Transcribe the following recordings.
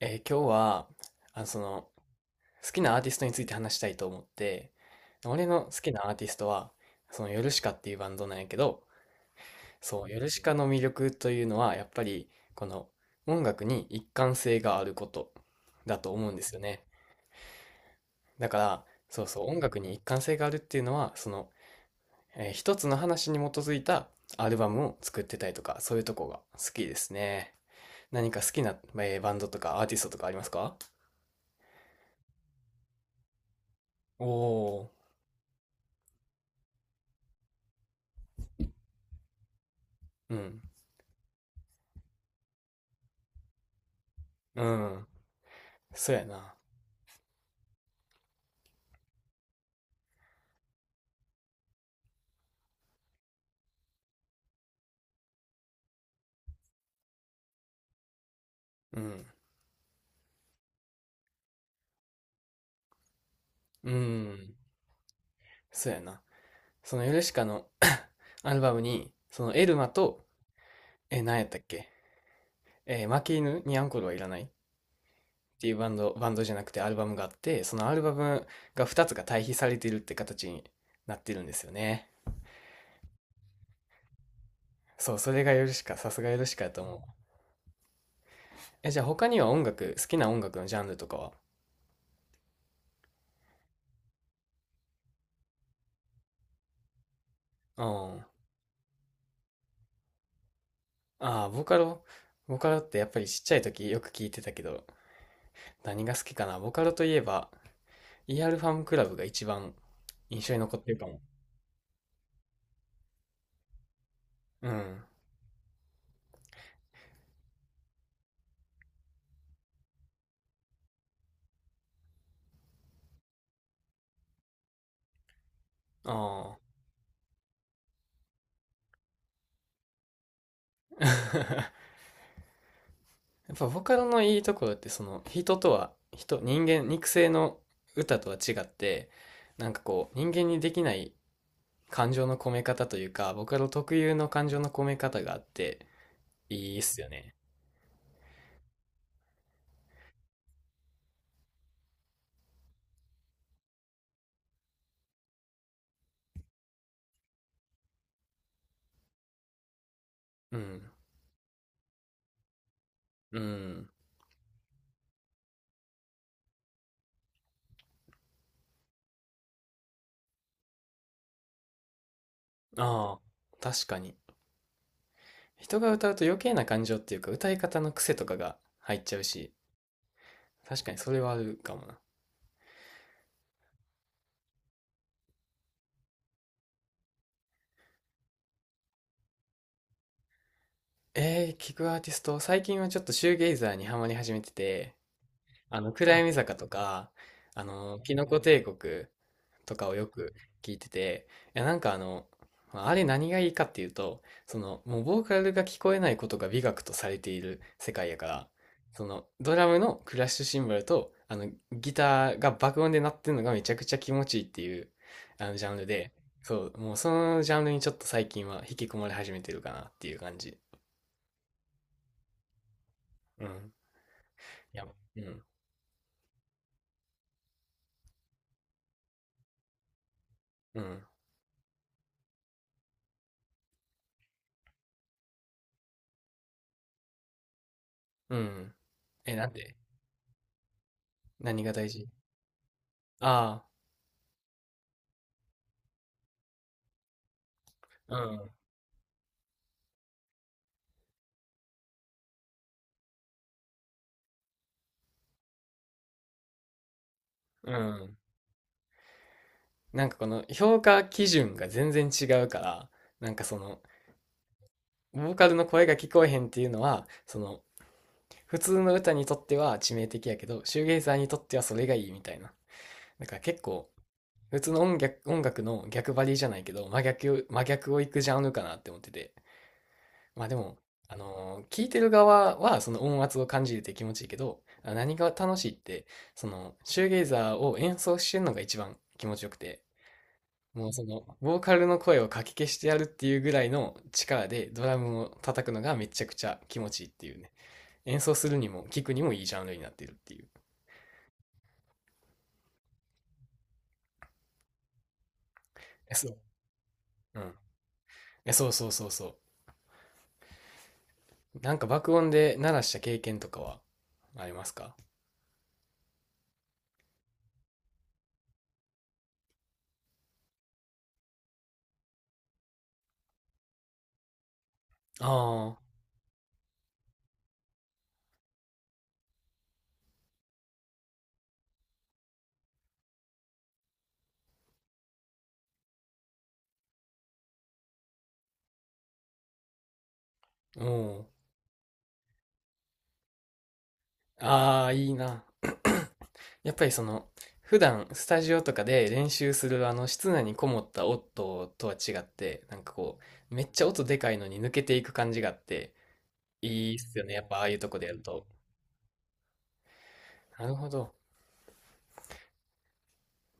今日は、あの、その、好きなアーティストについて話したいと思って、俺の好きなアーティストは、ヨルシカっていうバンドなんやけど、そう、ヨルシカの魅力というのは、やっぱり、この、音楽に一貫性があることだと思うんですよね。だから、そうそう、音楽に一貫性があるっていうのは、一つの話に基づいたアルバムを作ってたりとか、そういうとこが好きですね。何か好きな、バンドとかアーティストとかありますか？おおー、うん。うん。そうやな。うん。うん。そうやな。そのヨルシカの アルバムに、そのエルマと、何やったっけ。負け犬にアンコールはいらないっていうバンド、バンドじゃなくてアルバムがあって、そのアルバムが2つが対比されてるって形になってるんですよね。そう、それがヨルシカ、さすがヨルシカやと思う。じゃあ他には音楽、好きな音楽のジャンルとかは？うん。ああ、ボカロ。ボカロってやっぱりちっちゃい時よく聞いてたけど、何が好きかなボカロといえば、イ e ルファームクラブが一番印象に残ってるかも。うん。ああ。やっぱボカロのいいところってその人とは人、人間、肉声の歌とは違って、なんかこう人間にできない感情の込め方というか、ボカロ特有の感情の込め方があっていいっすよね。うん。うん。ああ、確かに。人が歌うと余計な感情っていうか歌い方の癖とかが入っちゃうし、確かにそれはあるかもな。聞くアーティスト、最近はちょっとシューゲイザーにハマり始めてて、暗闇坂とか、キノコ帝国とかをよく聞いてて、いや、なんかまあれ何がいいかっていうと、もうボーカルが聞こえないことが美学とされている世界やから、ドラムのクラッシュシンバルと、ギターが爆音で鳴ってるのがめちゃくちゃ気持ちいいっていう、ジャンルで、そう、もうそのジャンルにちょっと最近は引き込まれ始めてるかなっていう感じ。うん。いや、うん。うん。うん。え、なんで？何が大事？ああ、うん。うん。なんかこの評価基準が全然違うから、なんかボーカルの声が聞こえへんっていうのは、普通の歌にとっては致命的やけど、シューゲイザーにとってはそれがいいみたいな。だから結構、普通の音楽、音楽の逆張りじゃないけど、真逆、真逆をいくジャンルかなって思ってて。まあでも、聞いてる側はその音圧を感じるって気持ちいいけど、あ、何が楽しいって、そのシューゲイザーを演奏してるのが一番気持ちよくて、もうそのボーカルの声をかき消してやるっていうぐらいの力でドラムを叩くのがめちゃくちゃ気持ちいいっていうね。演奏するにも聴くにもいいジャンルになっているっていう。そう。うん。そうそうそうそう。なんか爆音で鳴らした経験とかはありますか？ああー、おー。ああ、いいな。やっぱり普段スタジオとかで練習するあの室内にこもった音とは違って、なんかこう、めっちゃ音でかいのに抜けていく感じがあって、いいっすよね。やっぱああいうとこでやると。なるほど。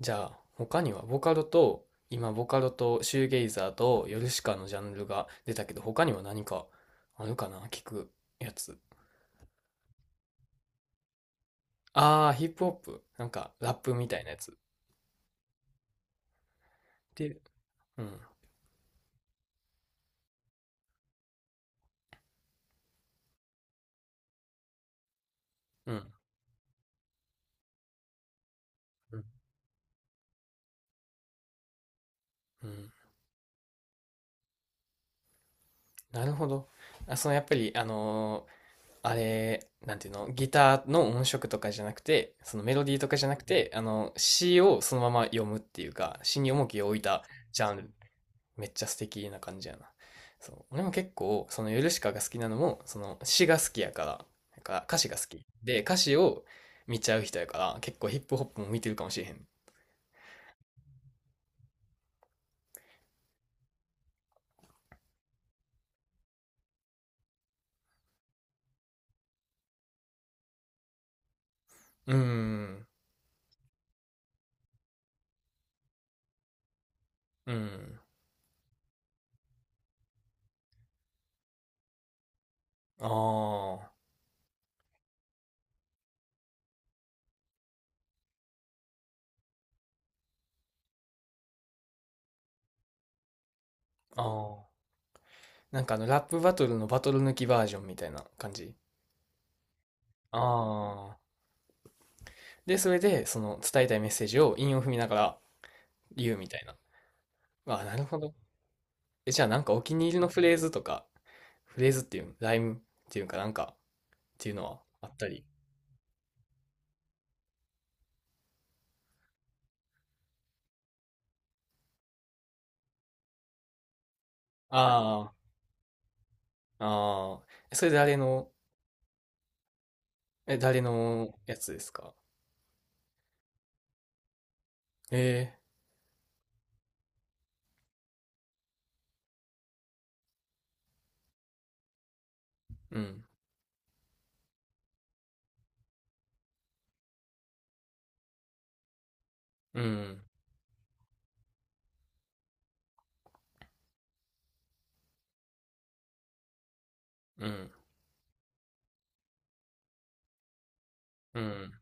じゃあ、他にはボカロと、今ボカロとシューゲイザーとヨルシカのジャンルが出たけど、他には何かあるかな、聞くやつ。ああ、ヒップホップ。なんかラップみたいなやつ。で、うん、うん、うん。うん。なるほど。あ、やっぱり、あれ、なんていうの、ギターの音色とかじゃなくて、メロディーとかじゃなくて、詩をそのまま読むっていうか、詩に重きを置いたジャンル。めっちゃ素敵な感じやな。そう。俺も結構、そのヨルシカが好きなのも、その詩が好きやから、なんか歌詞が好き。で、歌詞を見ちゃう人やから、結構ヒップホップも見てるかもしれへん。うーん。うん。ああ。ああ。なんかラップバトルのバトル抜きバージョンみたいな感じ。ああ。で、それで、その伝えたいメッセージを韻を踏みながら言うみたいな。ああ、なるほど。じゃあなんかお気に入りのフレーズとか、フレーズっていう、ライムっていうかなんかっていうのはあったり？ああ、ああ。それ誰の、誰のやつですか？ええ、うん、うん、うん、うん。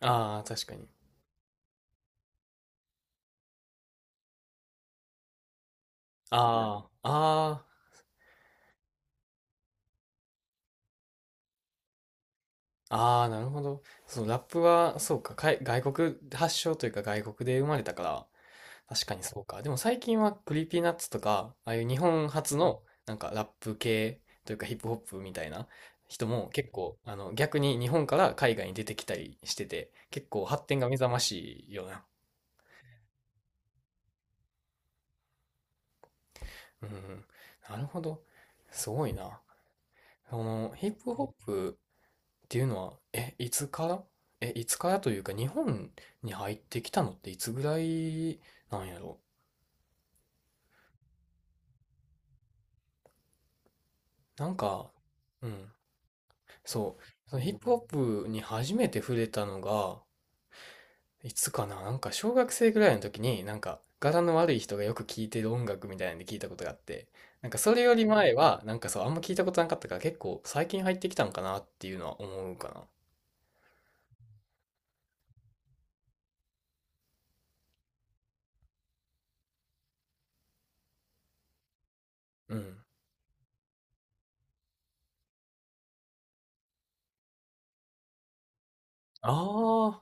ああ、確かに。ああ、ああ、ああ、なるほど。そのラップは、そうか、外国発祥というか外国で生まれたから、確かにそうか。でも最近はクリーピーナッツとか、ああいう日本初のなんかラップ系というかヒップホップみたいな人も結構、逆に日本から海外に出てきたりしてて、結構発展が目覚ましいよな。うん、なるほど。すごいな。そのヒップホップっていうのは、いつから、いつからというか日本に入ってきたのっていつぐらいなんやろ。なんか、うん。そう。そのヒップホップに初めて触れたのが、いつかな、なんか小学生ぐらいの時に、なんか柄の悪い人がよく聴いてる音楽みたいなんで聞いたことがあって、なんかそれより前は、なんかそう、あんま聞いたことなかったから結構最近入ってきたんかなっていうのは思うかな。うん。あ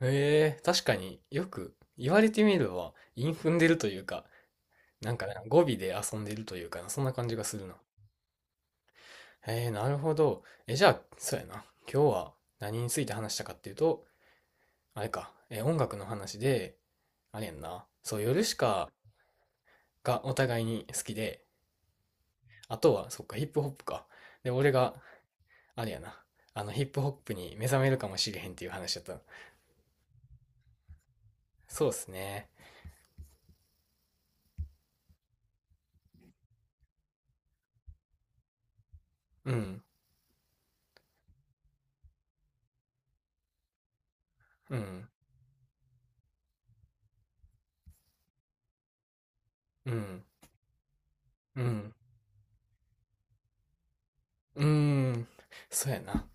あ、へえ、確かによく言われてみれば、韻踏んでるというか、なんかね、語尾で遊んでるというかな、そんな感じがするな。へえ、なるほど。じゃあ、そうやな。今日は何について話したかっていうと、あれか、音楽の話で、あれやんな。そう、ヨルシカがお互いに好きで、あとは、そっか、ヒップホップか。で、俺が、あれやな。ヒップホップに目覚めるかもしれへんっていう話だったの。そうっすね。うん、うん、うん、うん、うーん、そうやな。